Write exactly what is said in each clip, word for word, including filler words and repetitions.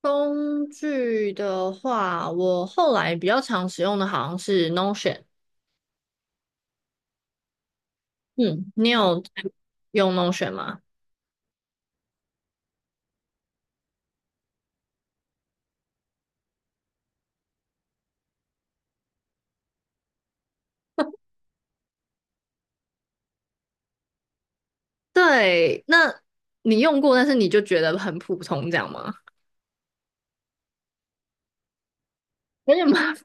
工具的话，我后来比较常使用的好像是 Notion。嗯，你有用 Notion 吗？对，那你用过，但是你就觉得很普通，这样吗？有点吗？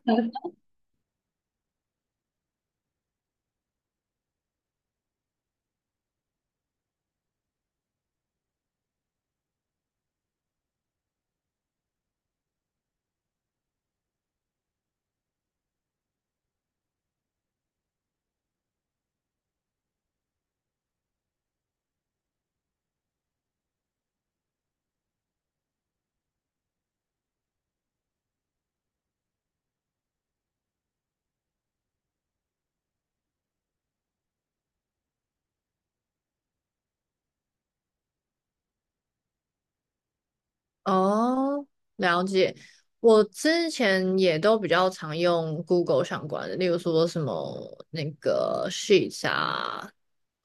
哦，了解。我之前也都比较常用 Google 相关的，例如说什么那个 Sheets 啊，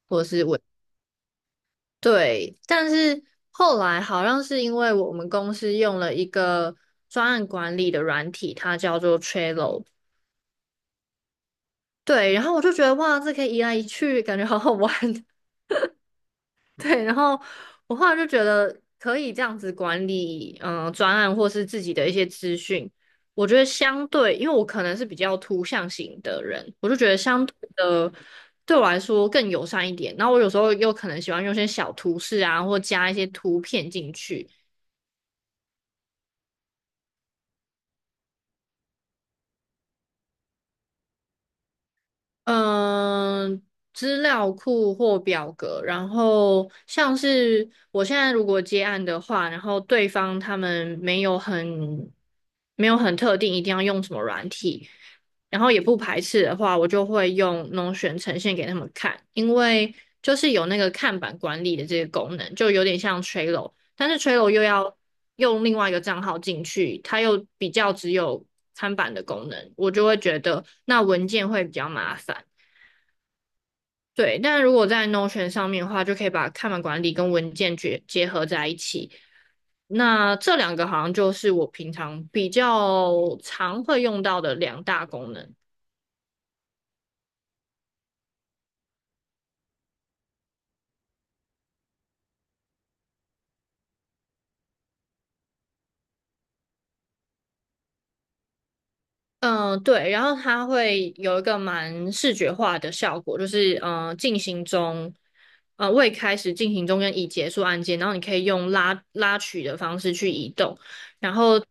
或者是对，但是后来好像是因为我们公司用了一个专案管理的软体，它叫做 Trello。对，然后我就觉得哇，这可以移来移去，感觉好好玩。对，然后我后来就觉得可以这样子管理，嗯、专案或是自己的一些资讯。我觉得相对，因为我可能是比较图像型的人，我就觉得相对的对我来说更友善一点。然后我有时候又可能喜欢用一些小图示啊，或加一些图片进去。嗯，资料库或表格，然后像是我现在如果接案的话，然后对方他们没有很没有很特定一定要用什么软体，然后也不排斥的话，我就会用 n o t 呈现给他们看，因为就是有那个看板管理的这个功能，就有点像 Trello，但是 Trello 又要用另外一个账号进去，它又比较只有看板的功能，我就会觉得那文件会比较麻烦。对，但如果在 Notion 上面的话，就可以把看板管理跟文件结结合在一起。那这两个好像就是我平常比较常会用到的两大功能。嗯，对，然后它会有一个蛮视觉化的效果，就是嗯进行中，呃，未开始进行中跟已结束按键，然后你可以用拉拉取的方式去移动，然后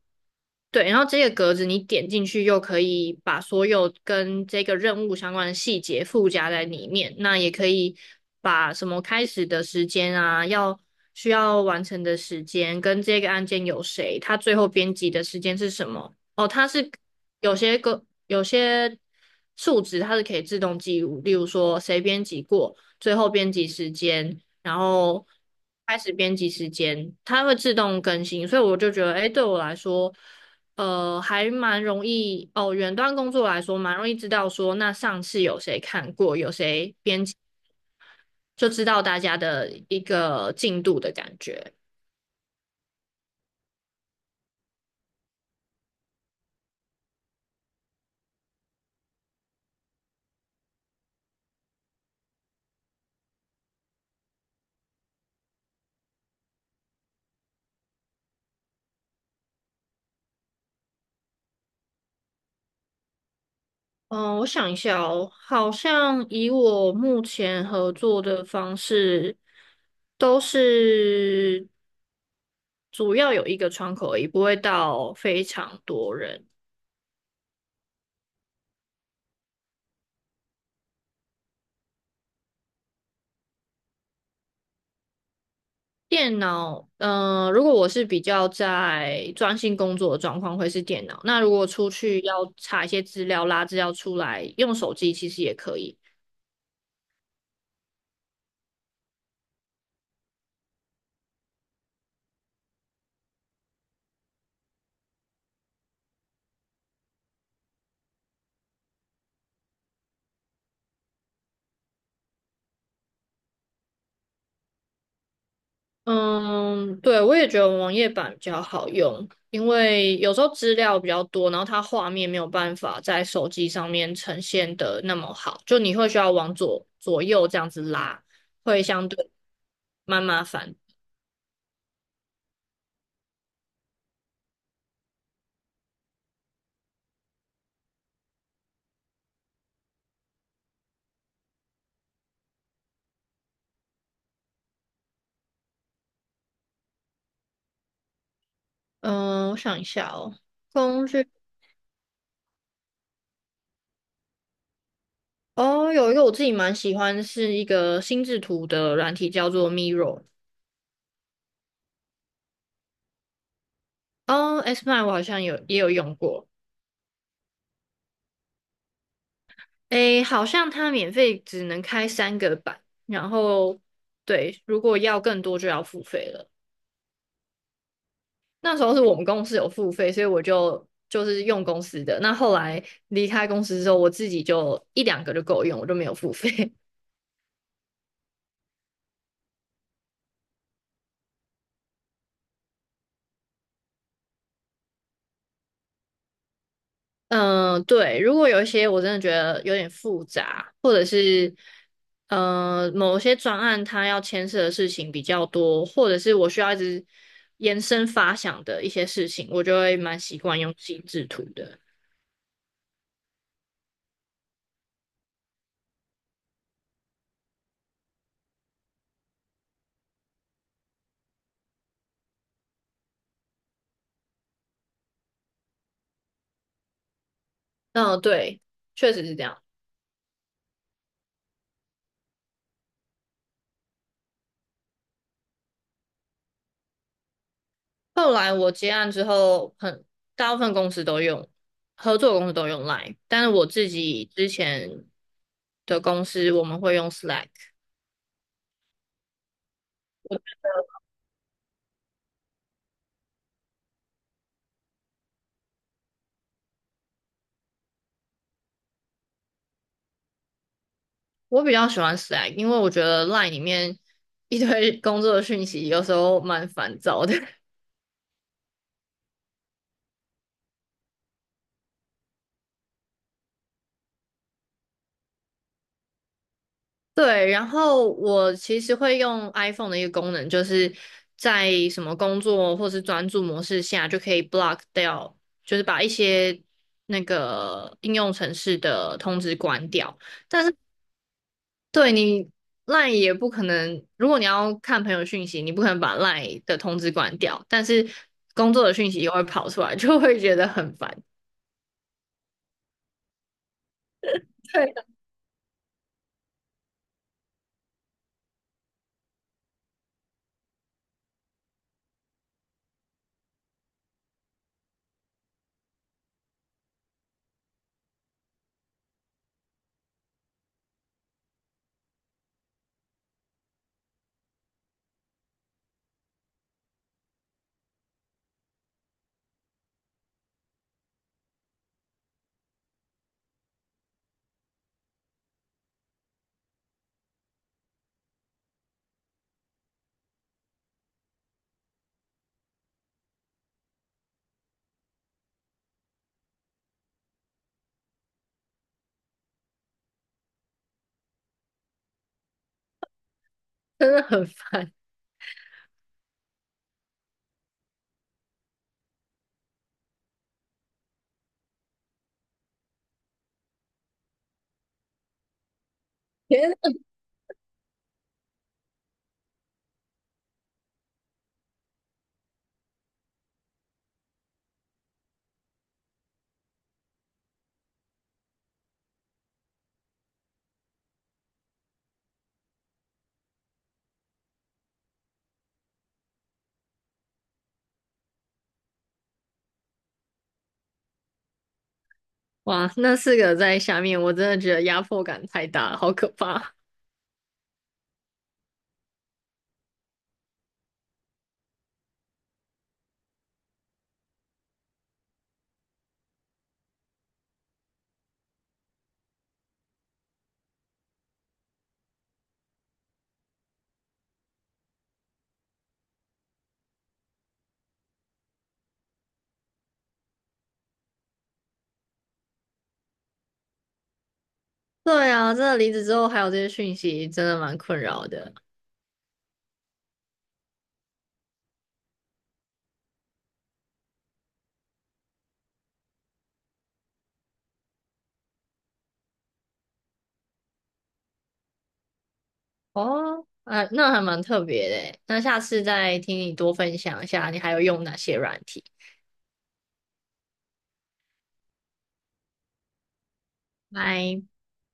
对，然后这个格子你点进去又可以把所有跟这个任务相关的细节附加在里面，那也可以把什么开始的时间啊，要需要完成的时间跟这个案件有谁，它最后编辑的时间是什么。哦，它是有些个有些数值它是可以自动记录，例如说谁编辑过，最后编辑时间，然后开始编辑时间，它会自动更新，所以我就觉得，哎，对我来说，呃，还蛮容易哦。远端工作来说，蛮容易知道说，那上次有谁看过，有谁编辑，就知道大家的一个进度的感觉。嗯，我想一下哦，好像以我目前合作的方式，都是主要有一个窗口而已，不会到非常多人。电脑，嗯、如果我是比较在专心工作的状况，会是电脑。那如果出去要查一些资料、拉资料出来，用手机其实也可以。嗯，对，我也觉得网页版比较好用，因为有时候资料比较多，然后它画面没有办法在手机上面呈现的那么好，就你会需要往左左右这样子拉，会相对蛮麻烦。嗯，我想一下哦，工具哦，有一个我自己蛮喜欢，是一个心智图的软体，叫做 Miro。哦 s mine 我好像有也有用过。诶，好像它免费只能开三个版，然后对，如果要更多就要付费了。那时候是我们公司有付费，所以我就就是用公司的。那后来离开公司之后，我自己就一两个就够用，我就没有付费。嗯，对，如果有一些我真的觉得有点复杂，或者是呃某些专案它要牵涉的事情比较多，或者是我需要一直延伸发想的一些事情，我就会蛮习惯用心制图的。嗯，对，确实是这样。后来我接案之后，很大部分公司都用，合作公司都用 Line，但是我自己之前的公司我们会用 Slack。我比较喜欢 Slack，因为我觉得 Line 里面一堆工作讯息有时候蛮烦躁的。对，然后我其实会用 iPhone 的一个功能，就是在什么工作或是专注模式下，就可以 block 掉，就是把一些那个应用程式的通知关掉。对你 LINE 也不可能，如果你要看朋友讯息，你不可能把 LINE 的通知关掉，但是工作的讯息又会跑出来，就会觉得很烦 对，真的很烦。天啊，哇，那四个在下面，我真的觉得压迫感太大了，好可怕。对啊，真的离职之后还有这些讯息，真的蛮困扰的。哦，哎，那还蛮特别的欸。那下次再听你多分享一下，你还有用哪些软体。拜。